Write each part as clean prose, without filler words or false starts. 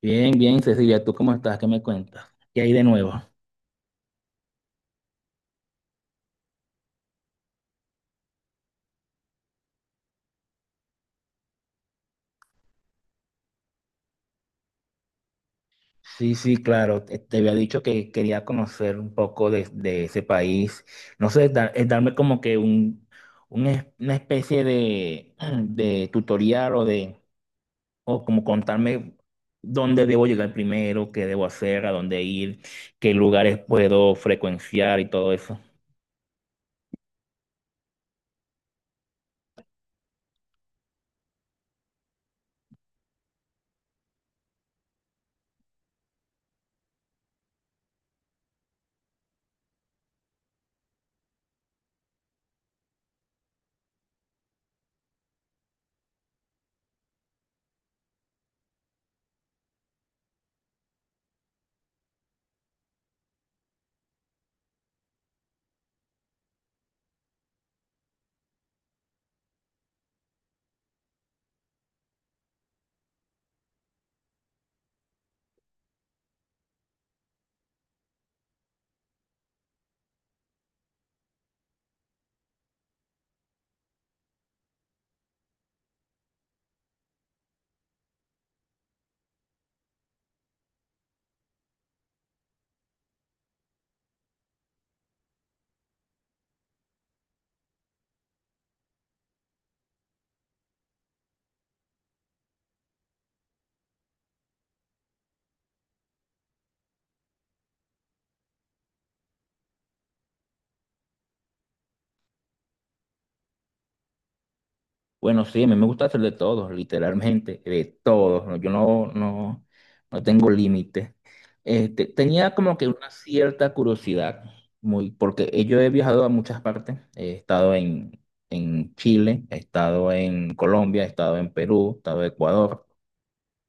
Bien, bien, Cecilia, ¿tú cómo estás? ¿Qué me cuentas? ¿Qué hay de nuevo? Sí, sí, claro, te había dicho que quería conocer un poco de ese país. No sé, es darme como que una especie de, de tutorial o de, o como contarme dónde debo llegar primero, qué debo hacer, a dónde ir, qué lugares puedo frecuenciar y todo eso. Bueno, sí, a mí me gusta hacer de todo, literalmente, de todo, ¿no? No tengo límite. Este, tenía como que una cierta curiosidad, muy, porque yo he viajado a muchas partes. He estado en Chile, he estado en Colombia, he estado en Perú, he estado en Ecuador,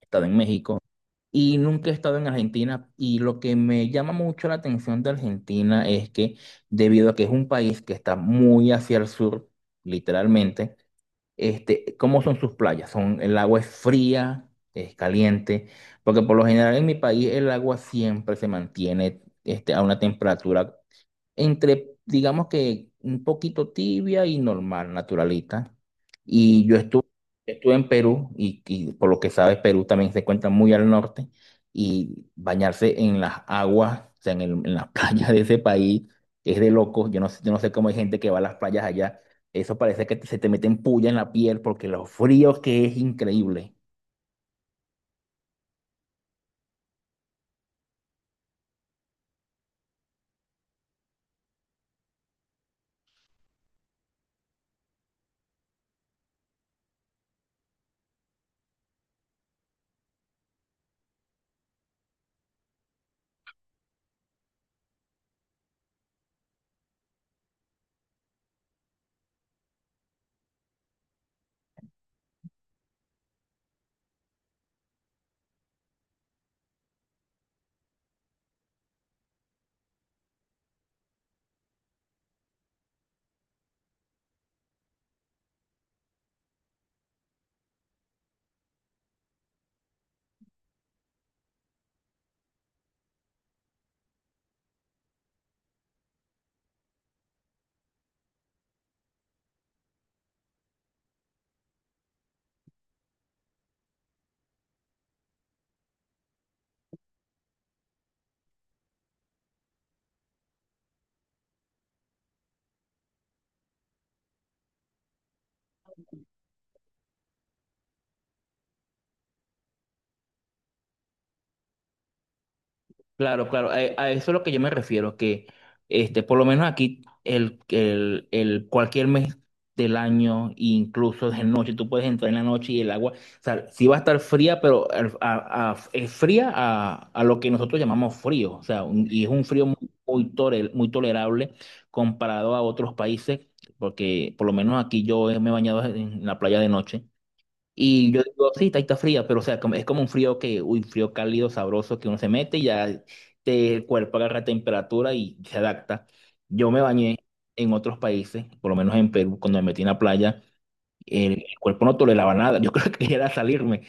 he estado en México y nunca he estado en Argentina. Y lo que me llama mucho la atención de Argentina es que, debido a que es un país que está muy hacia el sur, literalmente, este, ¿cómo son sus playas? Son, el agua es fría, es caliente, porque por lo general en mi país el agua siempre se mantiene este, a una temperatura entre, digamos, que un poquito tibia y normal, naturalita. Y yo estuve, Estuve en Perú y por lo que sabes, Perú también se encuentra muy al norte, y bañarse en las aguas, o sea, en las playas de ese país es de locos. Yo no sé cómo hay gente que va a las playas allá. Eso parece que se te meten puya en la piel porque lo frío que es, increíble. Claro, claro, a eso es lo que yo me refiero, que este, por lo menos aquí el cualquier mes del año, incluso de noche, tú puedes entrar en la noche y el agua, o sea, sí va a estar fría, pero es fría a lo que nosotros llamamos frío, o sea, y es un frío muy, muy tolerable comparado a otros países, porque por lo menos aquí yo me he bañado en la playa de noche. Y yo digo, sí, está, está fría, pero o sea, es como un frío que, uy, frío cálido, sabroso, que uno se mete y ya te, el cuerpo agarra temperatura y se adapta. Yo me bañé en otros países, por lo menos en Perú, cuando me metí en la playa, el cuerpo no toleraba nada, yo creo que era salirme.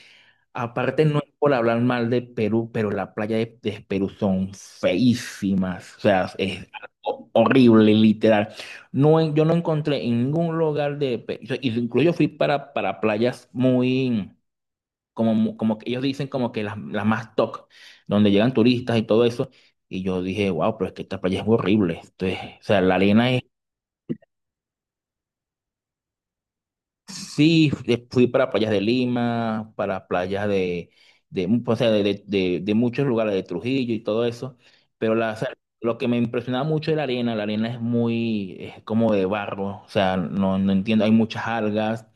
Aparte, no es por hablar mal de Perú, pero las playas de Perú son feísimas, o sea, es algo horrible, literal. No, yo no encontré en ningún lugar de, incluso yo fui para playas muy como, como que ellos dicen como que las más top, donde llegan turistas y todo eso. Y yo dije, wow, pero es que esta playa es horrible. Entonces, o sea, la arena. Sí, fui para playas de Lima, para playas de, o sea, de muchos lugares, de Trujillo y todo eso, pero la, o sea, lo que me impresionaba mucho era la arena es muy, es como de barro, o sea, no, no entiendo, hay muchas algas,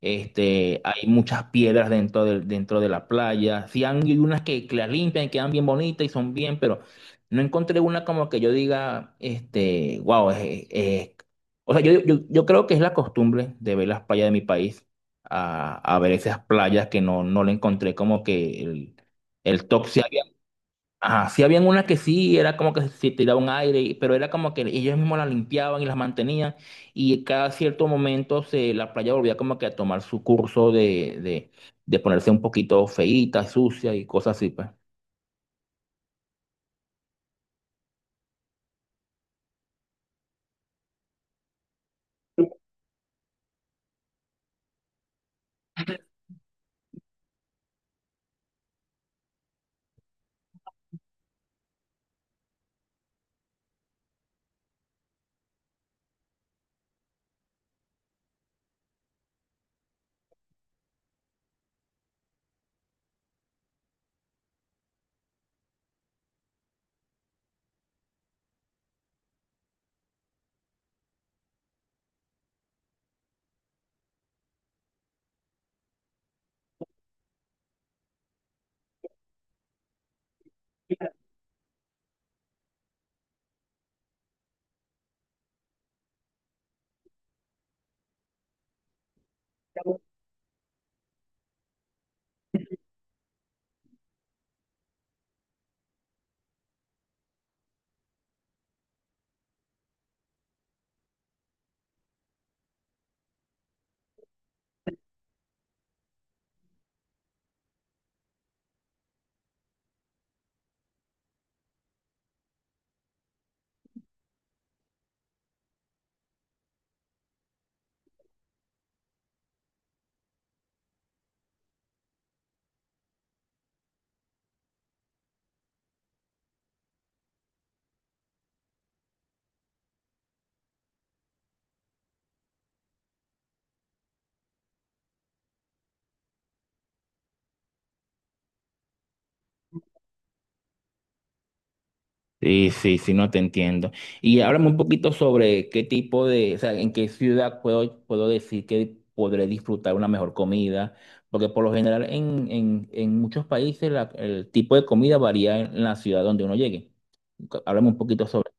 este, hay muchas piedras dentro de la playa, hay unas que las limpian y quedan bien bonitas y son bien, pero no encontré una como que yo diga, este, wow, o sea, yo creo que es la costumbre de ver las playas de mi país, a ver esas playas que no, no le encontré como que el top. Sí había, ajá, sí habían unas que sí, era como que se tiraba un aire, pero era como que ellos mismos las limpiaban y las mantenían, y cada cierto momento se, la playa volvía como que a tomar su curso de ponerse un poquito feíta, sucia y cosas así, pues. Sí, sí, sí, no te entiendo. Y háblame un poquito sobre qué tipo de, o sea, en qué ciudad puedo, puedo decir que podré disfrutar una mejor comida, porque por lo general en muchos países el tipo de comida varía en la ciudad donde uno llegue. Háblame un poquito sobre.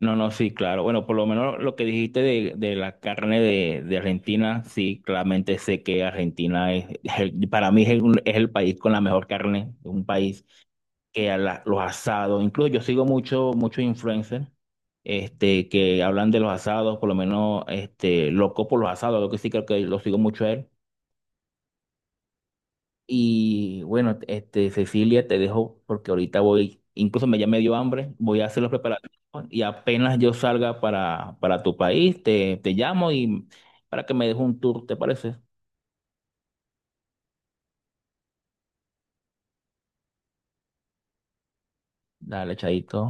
No, no, sí, claro. Bueno, por lo menos lo que dijiste de la carne de Argentina, sí, claramente sé que Argentina es, para mí es el país con la mejor carne, un país que los asados, incluso yo sigo mucho, muchos influencers este, que hablan de los asados, por lo menos este, loco por los asados, lo que sí creo que lo sigo mucho a él. Y bueno, este, Cecilia, te dejo porque ahorita voy, incluso me ya me dio hambre, voy a hacer los preparativos y apenas yo salga para tu país, te llamo y para que me dejes un tour, ¿te parece? Dale, chaito.